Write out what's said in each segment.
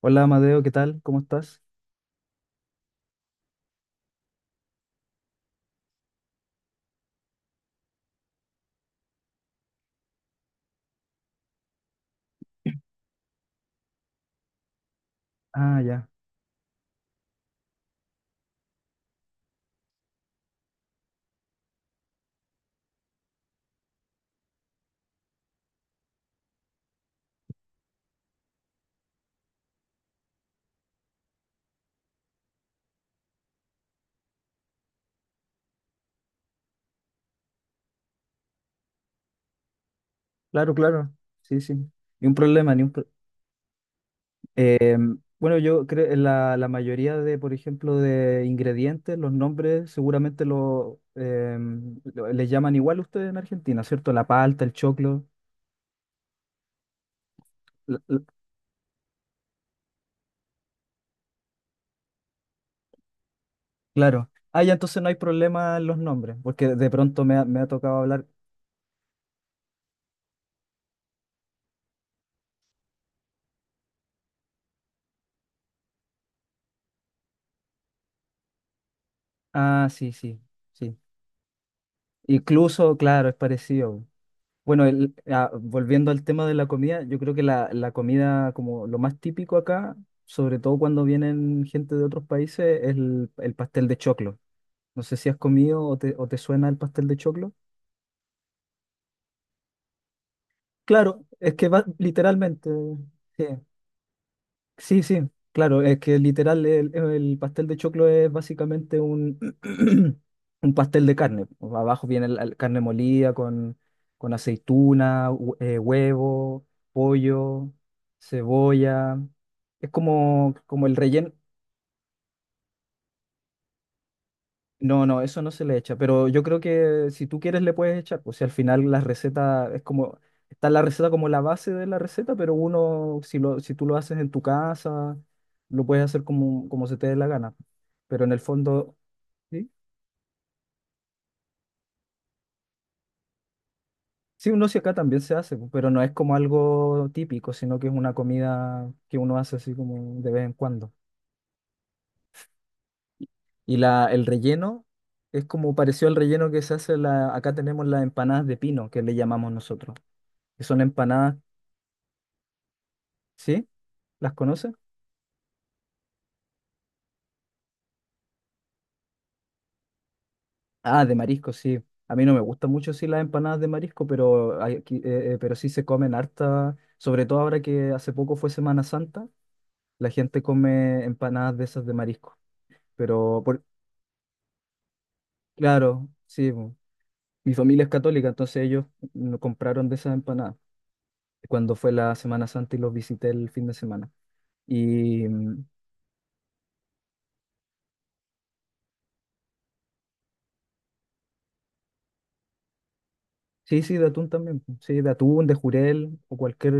Hola Amadeo, ¿qué tal? ¿Cómo estás? Ah, ya. Claro, claro. Sí, sí. Ni un problema, ni un pro- Bueno, yo creo que la mayoría de, por ejemplo, de ingredientes, los nombres, seguramente les llaman igual ustedes en Argentina, ¿cierto? La palta, el choclo. la- la- claro. Ah, ya, entonces no hay problema en los nombres, porque de pronto me ha tocado hablar. Ah, sí, sí, sí. Incluso, claro, es parecido. Bueno, volviendo al tema de la comida, yo creo que la comida como lo más típico acá, sobre todo cuando vienen gente de otros países, es el pastel de choclo. No sé si has comido o te suena el pastel de choclo. Claro, es que va literalmente, sí. Sí, sí, claro, es que literal el pastel de choclo es básicamente un, un pastel de carne. Abajo viene la carne molida con aceituna, huevo, pollo, cebolla. Es como, como el relleno. No, no, eso no se le echa, pero yo creo que si tú quieres le puedes echar, pues si al final la receta es como, está la receta como la base de la receta, pero uno, si tú lo haces en tu casa, lo puedes hacer como, como se te dé la gana. Pero en el fondo, sí. Sí, uno sí acá también se hace, pues, pero no es como algo típico, sino que es una comida que uno hace así como de vez en cuando. Y la, el relleno es como pareció al relleno que se hace la, acá tenemos las empanadas de pino, que le llamamos nosotros, que son empanadas. ¿Sí? ¿Las conoce? Ah, de marisco, sí. A mí no me gustan mucho sí las empanadas de marisco, pero pero sí se comen harta, sobre todo ahora que hace poco fue Semana Santa, la gente come empanadas de esas de marisco. Pero por- claro, sí, bu. Mi familia es católica, entonces ellos no compraron de esas empanadas cuando fue la Semana Santa y los visité el fin de semana. Y sí, sí, de atún también, po. Sí, de atún, de jurel o cualquier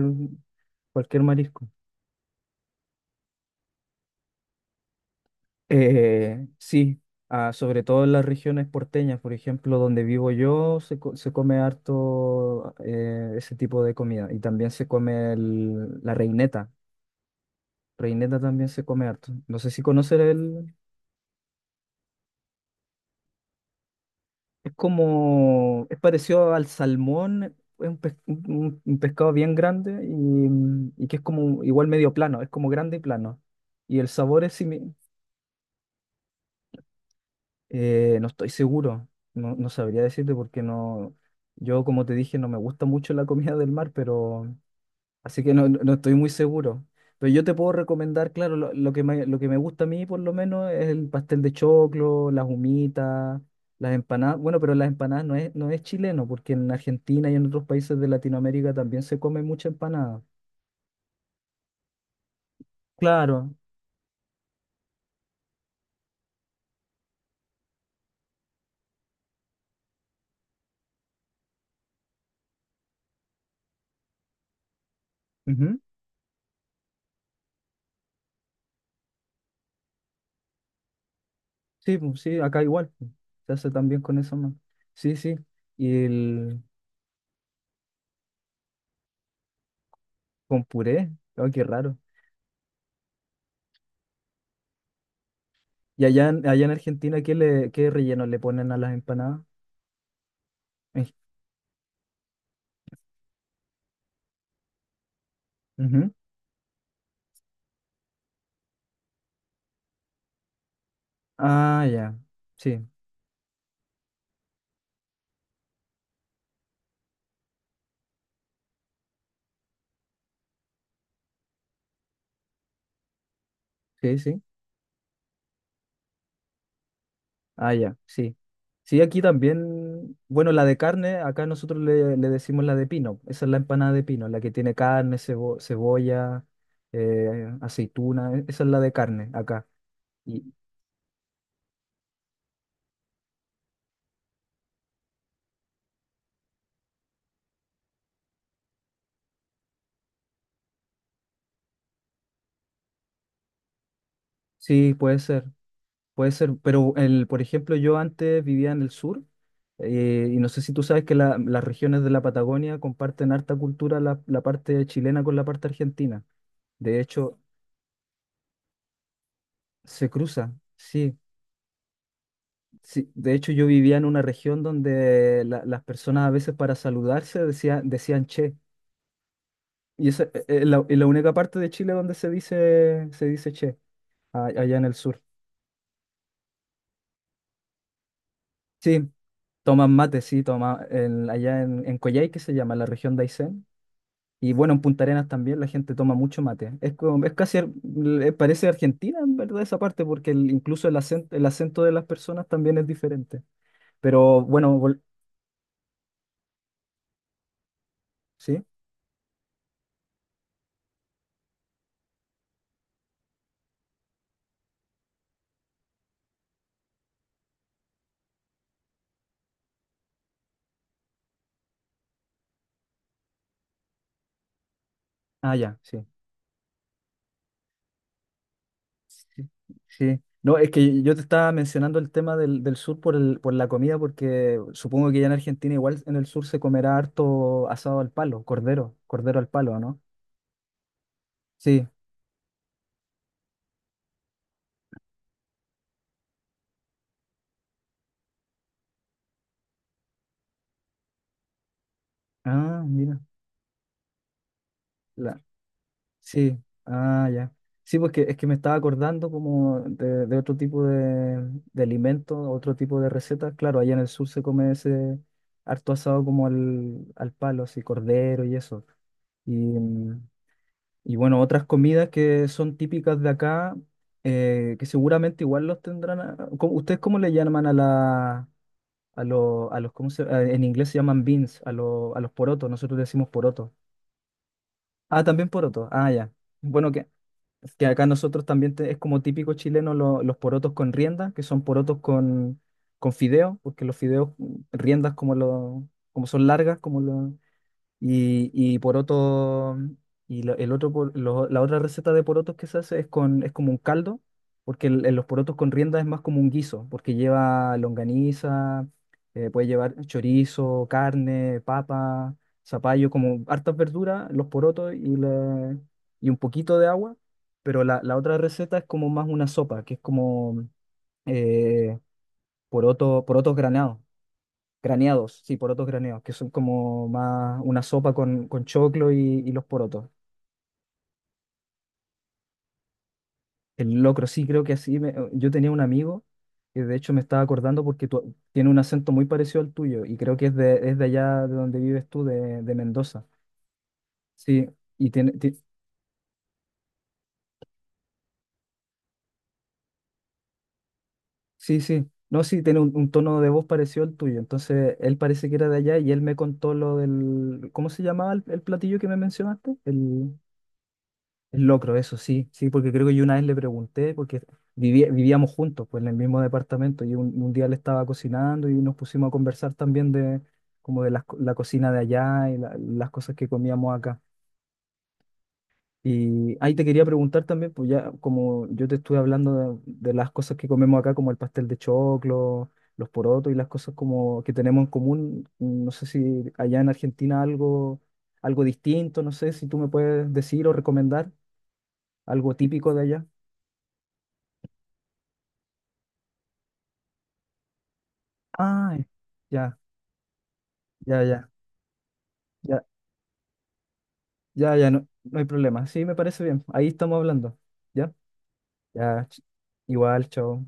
cualquier marisco. Sí, ah, sobre todo en las regiones porteñas, por ejemplo, donde vivo yo, se come harto ese tipo de comida. Y también se come la reineta. Reineta también se come harto. No sé si conocer el... Es como... Es parecido al salmón, es un, un pescado bien grande y que es como igual medio plano, es como grande y plano. Y el sabor es similar. No estoy seguro, no, no sabría decirte porque no, yo como te dije no me gusta mucho la comida del mar, pero así que no, no estoy muy seguro. Pero yo te puedo recomendar, claro, lo que me gusta a mí por lo menos es el pastel de choclo, las humitas, las empanadas. Bueno, pero las empanadas no es, no es chileno, porque en Argentina y en otros países de Latinoamérica también se come mucha empanada. Claro, ujú. Sí, pues, sí, acá igual, pues, se hace también con eso más. Sí, sí. Y el, con puré. Oh, qué raro. ¿Y allá en Argentina qué, le, qué relleno le ponen a las empanadas? Eh, ujú. Ah, ya. Sí, sí, sí. Ah, ya, sí. Sí, aquí también, bueno, la de carne, acá nosotros le decimos la de pino. Esa es la empanada de pino, la que tiene carne, cebolla, aceituna. Esa es la de carne acá. Y, sí, puede ser. Puede ser, pero el, por ejemplo, yo antes vivía en el sur, y no sé si tú sabes que las regiones de la Patagonia comparten harta cultura la parte chilena con la parte argentina. De hecho, se cruza, sí, sí. De hecho, yo vivía en una región donde las personas a veces para saludarse decían che. Y esa es la única parte de Chile donde se dice che, allá en el sur. Sí, toman mate, sí, toma, allá en Coyhaique se llama, la región de Aysén. Y bueno, en Punta Arenas también la gente toma mucho mate. Es, es casi, parece Argentina en verdad esa parte, porque incluso el acento de las personas también es diferente. Pero bueno, ¿sí? Ah, ya, sí. Sí. Sí. No, es que yo te estaba mencionando el tema del sur por por la comida, porque supongo que ya en Argentina igual en el sur se comerá harto asado al palo, cordero, cordero al palo, ¿no? Sí. Ah, mira. La- sí, ah, ya. Sí, porque es que me estaba acordando como de otro tipo de alimentos, otro tipo de recetas. Claro, allá en el sur se come ese harto asado como al palo, así, cordero y eso. Y, mm, y bueno, otras comidas que son típicas de acá, que seguramente igual los tendrán. ¿Ustedes cómo le llaman a los, ¿cómo en inglés se llaman beans, a los porotos, nosotros le decimos porotos. Ah, también porotos, ah, ya. Bueno, que es que acá nosotros también es como típico chileno los porotos con rienda, que son porotos con fideo, porque los fideos, mm, riendas como, lo, como son largas, como lo, y poroto, y la, el otro, la otra receta de porotos que se hace es, con, es como un caldo, porque los porotos con rienda es más como un guiso, porque lleva longaniza, puede llevar chorizo, carne, papa, zapallo, como hartas verduras, los porotos y, y un poquito de agua, pero la otra receta es como más una sopa, que es como eh, poroto, porotos granados. Graneados, sí, porotos graneados, que son como más una sopa con choclo y los porotos. El locro, sí, creo que así. Yo tenía un amigo que de hecho me estaba acordando porque tiene un acento muy parecido al tuyo y creo que es de allá de donde vives tú, de Mendoza. Sí, y tiene, sí, sí, no, sí, tiene un tono de voz parecido al tuyo. Entonces, él parece que era de allá y él me contó lo del, ¿cómo se llamaba el platillo que me mencionaste? El... Es locro, eso sí, sí, porque creo que yo una vez le pregunté, porque vivíamos juntos, pues en el mismo departamento, y un día le estaba cocinando y nos pusimos a conversar también de como de las cocina de allá y las cosas que comíamos acá. Y ahí te quería preguntar también, pues ya como yo te estuve hablando de las cosas que comemos acá, como el pastel de choclo, los porotos y las cosas como que tenemos en común, no sé si allá en Argentina algo, algo distinto, no sé si tú me puedes decir o recomendar algo típico de allá. Ah, ya, ya, ya, ya, ya, ya, no, no hay problema. Sí, me parece bien. Ahí estamos hablando. ¿Ya? Ya, ch- igual, chao.